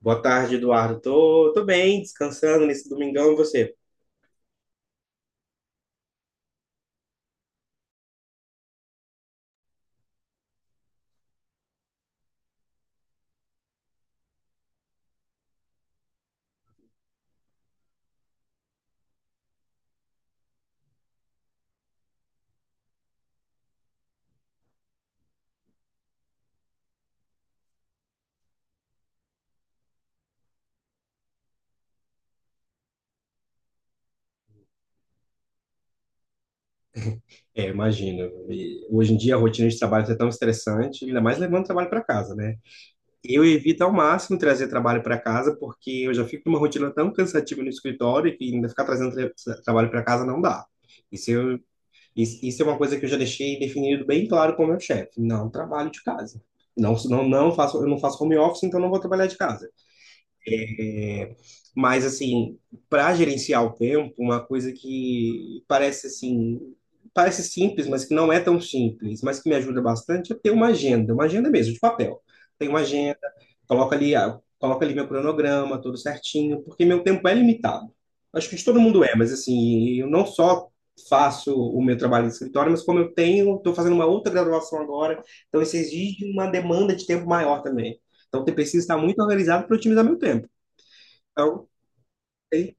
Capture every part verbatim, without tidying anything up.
Boa tarde, Eduardo. Tô, tô bem, descansando nesse domingão, e você? É, imagino. E hoje em dia a rotina de trabalho é tão estressante, ainda mais levando trabalho para casa, né? Eu evito ao máximo trazer trabalho para casa, porque eu já fico numa rotina tão cansativa no escritório que ainda ficar trazendo tra- trabalho para casa não dá. Isso, eu, isso, isso é uma coisa que eu já deixei definido bem claro com o meu chefe. Não trabalho de casa. Não, não, não faço, eu não faço home office, então não vou trabalhar de casa. É, Mas, assim, para gerenciar o tempo, uma coisa que parece assim, parece simples, mas que não é tão simples, mas que me ajuda bastante, é ter uma agenda, uma agenda mesmo, de papel. Tenho uma agenda, coloco ali, ah, coloco ali meu cronograma, tudo certinho, porque meu tempo é limitado. Acho que de todo mundo é, mas assim, eu não só faço o meu trabalho de escritório, mas como eu tenho, estou fazendo uma outra graduação agora, então isso exige uma demanda de tempo maior também. Então, eu preciso estar muito organizado para otimizar meu tempo. Então, tem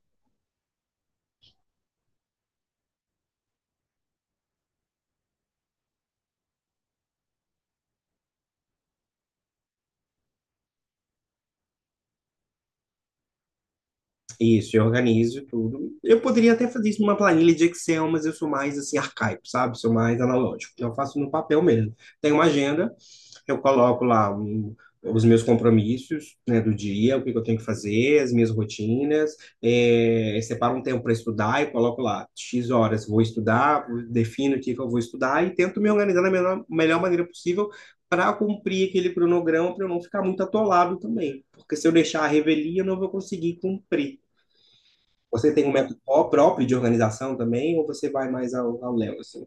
Isso, eu organizo tudo. Eu poderia até fazer isso numa planilha de Excel, mas eu sou mais assim arcaico, sabe? Sou mais analógico. Então eu faço no papel mesmo. Tenho uma agenda, eu coloco lá um- os meus compromissos, né, do dia, o que que eu tenho que fazer, as minhas rotinas, eh, separo um tempo para estudar e coloco lá X horas vou estudar, defino o que que eu vou estudar e tento me organizar da melhor, melhor maneira possível para cumprir aquele cronograma, para eu não ficar muito atolado também. Porque se eu deixar a revelia, eu não vou conseguir cumprir. Você tem um método pró- próprio de organização também, ou você vai mais ao, ao Léo, assim?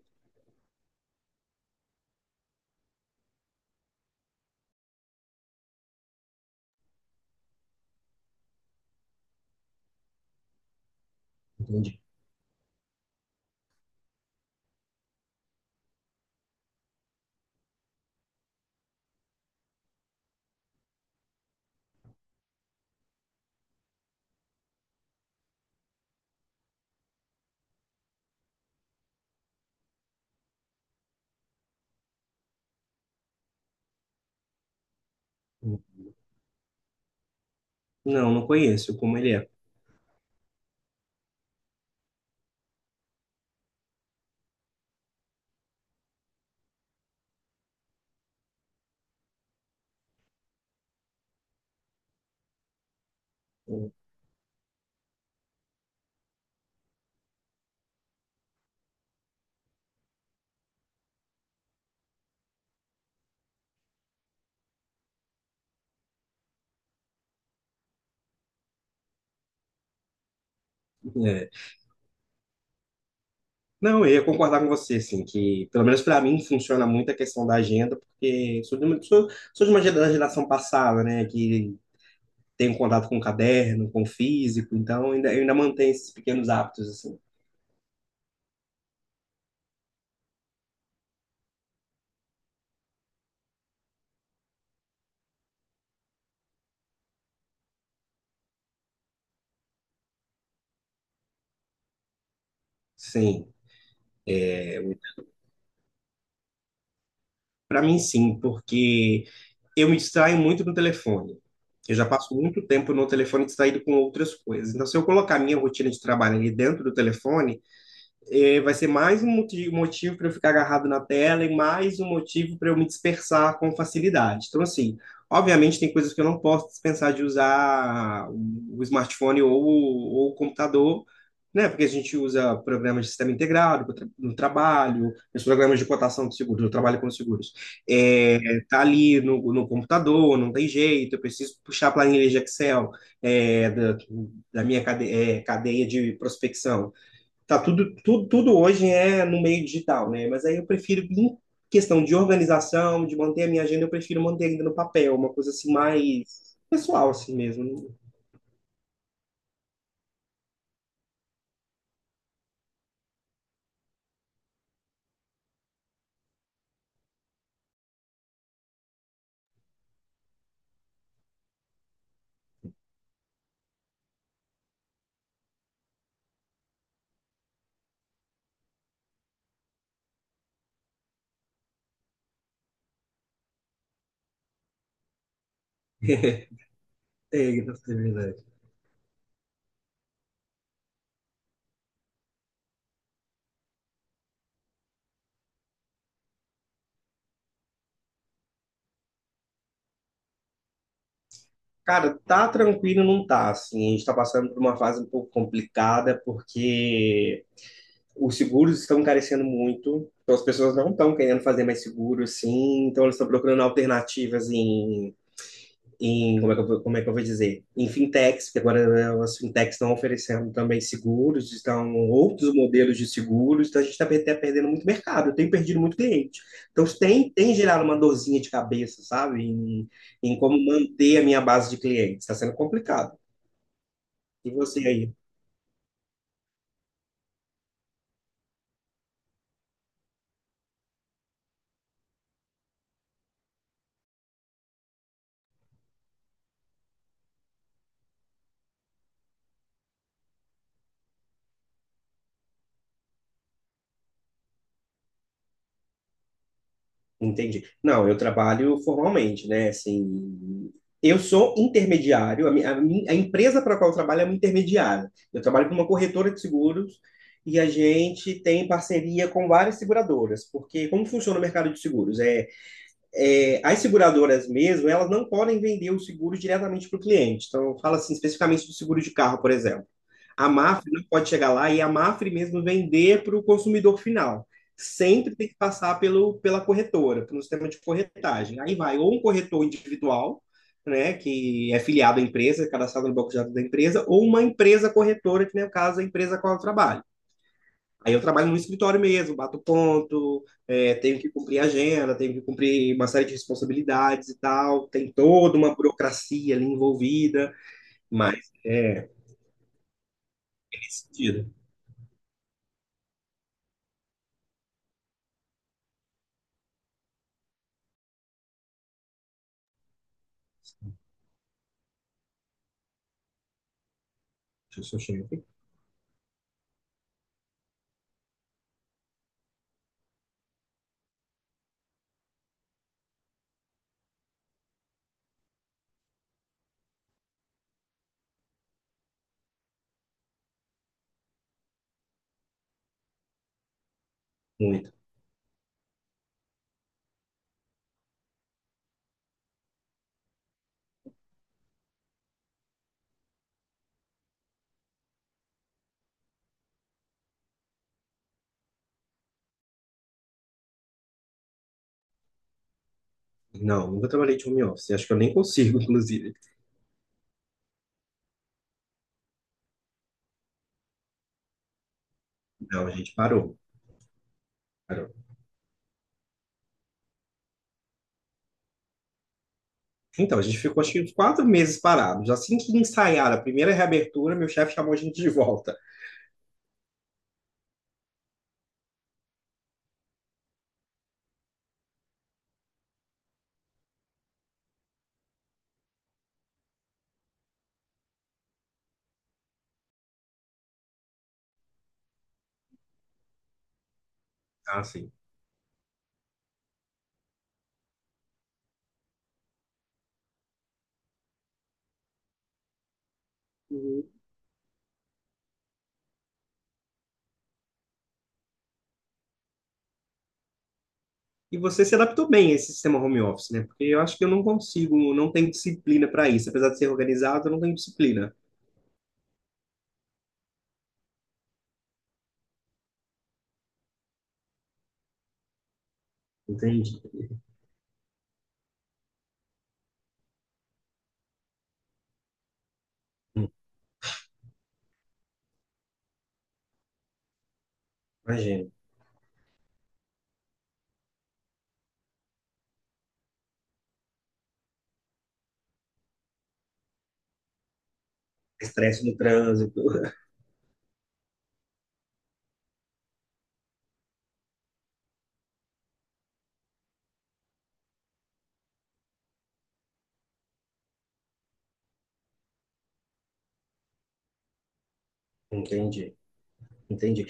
Entendi. Não, não conheço como ele é. É. Não, eu ia concordar com você, assim, que pelo menos para mim funciona muito a questão da agenda, porque sou de uma, sou, sou de uma gera- da geração passada, né, que tem contato com o caderno, com o físico, então ainda, eu ainda mantenho esses pequenos hábitos, assim. Sim. Para mim, sim, porque eu me distraio muito no telefone. Eu já passo muito tempo no telefone distraído com outras coisas. Então, se eu colocar a minha rotina de trabalho ali dentro do telefone, é, vai ser mais um moti- motivo para eu ficar agarrado na tela e mais um motivo para eu me dispersar com facilidade. Então, assim, obviamente tem coisas que eu não posso dispensar de usar o smartphone ou, o- ou o computador, né? Porque a gente usa programas de sistema integrado pro tra- no trabalho, os programas de cotação de seguros, eu trabalho com seguros. É, tá ali no, no computador, não tem jeito, eu preciso puxar a planilha de Excel é, da, da minha cade- é, cadeia de prospecção. Tá, tudo, tudo, tudo hoje é no meio digital, né? Mas aí eu prefiro, em questão de organização, de manter a minha agenda, eu prefiro manter ainda no papel, uma coisa assim mais pessoal, assim mesmo. É, nossa, é verdade. Cara, tá tranquilo, não tá, assim. A gente tá passando por uma fase um pouco complicada, porque os seguros estão encarecendo muito, então as pessoas não estão querendo fazer mais seguro, assim, então eles estão procurando alternativas em em como é que eu, vou- como é que eu vou dizer? Em fintechs, que agora né, as fintechs estão oferecendo também seguros, estão outros modelos de seguros, então a gente está até perdendo muito mercado, eu tenho perdido muito cliente. Então isso tem, tem gerado uma dorzinha de cabeça, sabe? Em, em como manter a minha base de clientes. Está sendo complicado. E você aí? Entendi. Não, eu trabalho formalmente, né? Assim, eu sou intermediário, a, mi- a mi- a empresa para a qual eu trabalho é uma intermediária. Eu trabalho com uma corretora de seguros e a gente tem parceria com várias seguradoras, porque como funciona o mercado de seguros? É, é, as seguradoras mesmo, elas não podem vender o seguro diretamente para o cliente. Então, fala assim, especificamente do seguro de carro, por exemplo. A Mafre não pode chegar lá e a Mafre mesmo vender para o consumidor final. Sempre tem que passar pelo, pela corretora, pelo sistema de corretagem. Aí vai ou um corretor individual, né, que é filiado à empresa, cadastrado no banco de dados da empresa, ou uma empresa corretora, que no caso é a empresa com a qual eu trabalho. Aí eu trabalho no escritório mesmo, bato ponto, é, tenho que cumprir agenda, tenho que cumprir uma série de responsabilidades e tal. Tem toda uma burocracia ali envolvida, mas é, é nesse sentido. Deixa eu só chegar aqui. Muito. Não, nunca trabalhei de home office. Acho que eu nem consigo, inclusive. Não, a gente parou. Parou. Então, a gente ficou acho que uns quatro meses parados. Assim que ensaiaram a primeira reabertura, meu chefe chamou a gente de volta. Ah, sim. Uhum. E você se adaptou bem a esse sistema home office, né? Porque eu acho que eu não consigo, não tenho disciplina para isso. Apesar de ser organizado, eu não tenho disciplina. Entendi. Hum, Imagino. Estresse no trânsito. Entendi. Entendi.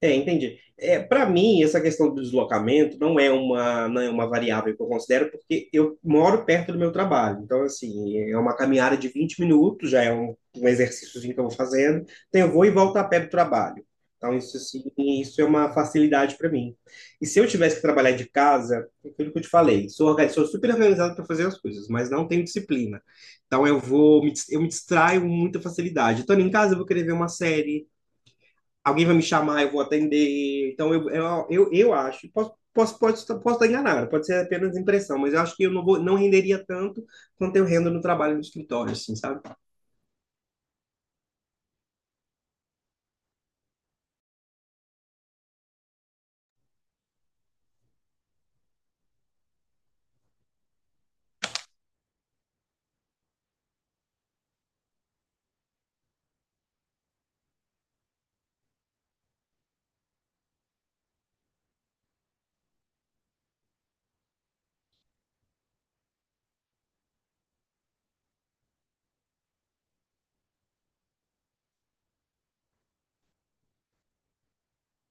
É, entendi. É, para mim, essa questão do deslocamento não é uma, não é uma variável que eu considero, porque eu moro perto do meu trabalho. Então, assim, é uma caminhada de vinte minutos, já é um, um exercíciozinho que eu vou fazendo. Então, eu vou e volto a pé do trabalho. Então, isso, assim, isso é uma facilidade para mim. E se eu tivesse que trabalhar de casa, é aquilo que eu te falei, sou, orga- sou super organizado para fazer as coisas, mas não tenho disciplina. Então, eu vou, me dis- eu me distraio com muita facilidade. Estando em casa, eu vou querer ver uma série, alguém vai me chamar, eu vou atender. Então, eu, eu, eu, eu acho, posso, posso, posso, posso estar enganado, pode ser apenas impressão, mas eu acho que eu não, vou, não renderia tanto quanto eu rendo no trabalho no escritório, assim, sabe?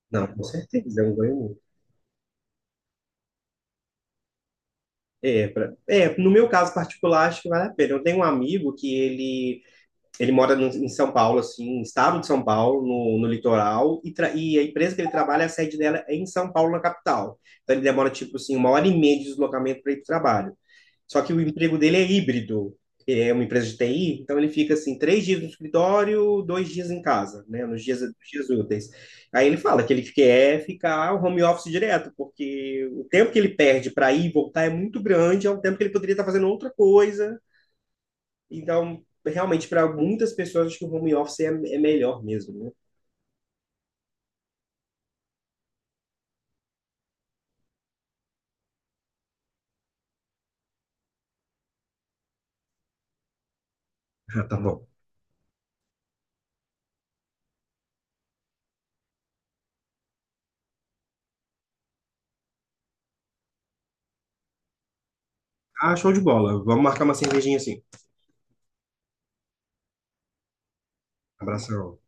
Não, com certeza, é um ganho muito. É, pra, é, no meu caso particular, acho que vale a pena. Eu tenho um amigo que ele, ele mora no, em São Paulo, assim, no estado de São Paulo, no, no litoral, e, tra, e a empresa que ele trabalha, a sede dela é em São Paulo, na capital. Então ele demora, tipo assim, uma hora e meia de deslocamento para ir para o trabalho. Só que o emprego dele é híbrido. Ele é uma empresa de T I, então ele fica assim, três dias no escritório, dois dias em casa, né? Nos dias, nos dias úteis. Aí ele fala que ele quer ficar home office direto, porque o tempo que ele perde para ir e voltar é muito grande, é um tempo que ele poderia estar fazendo outra coisa. Então, realmente, para muitas pessoas, acho que o home office é, é melhor mesmo, né? Ah, tá bom. Ah, show de bola. Vamos marcar uma cervejinha assim. Abração.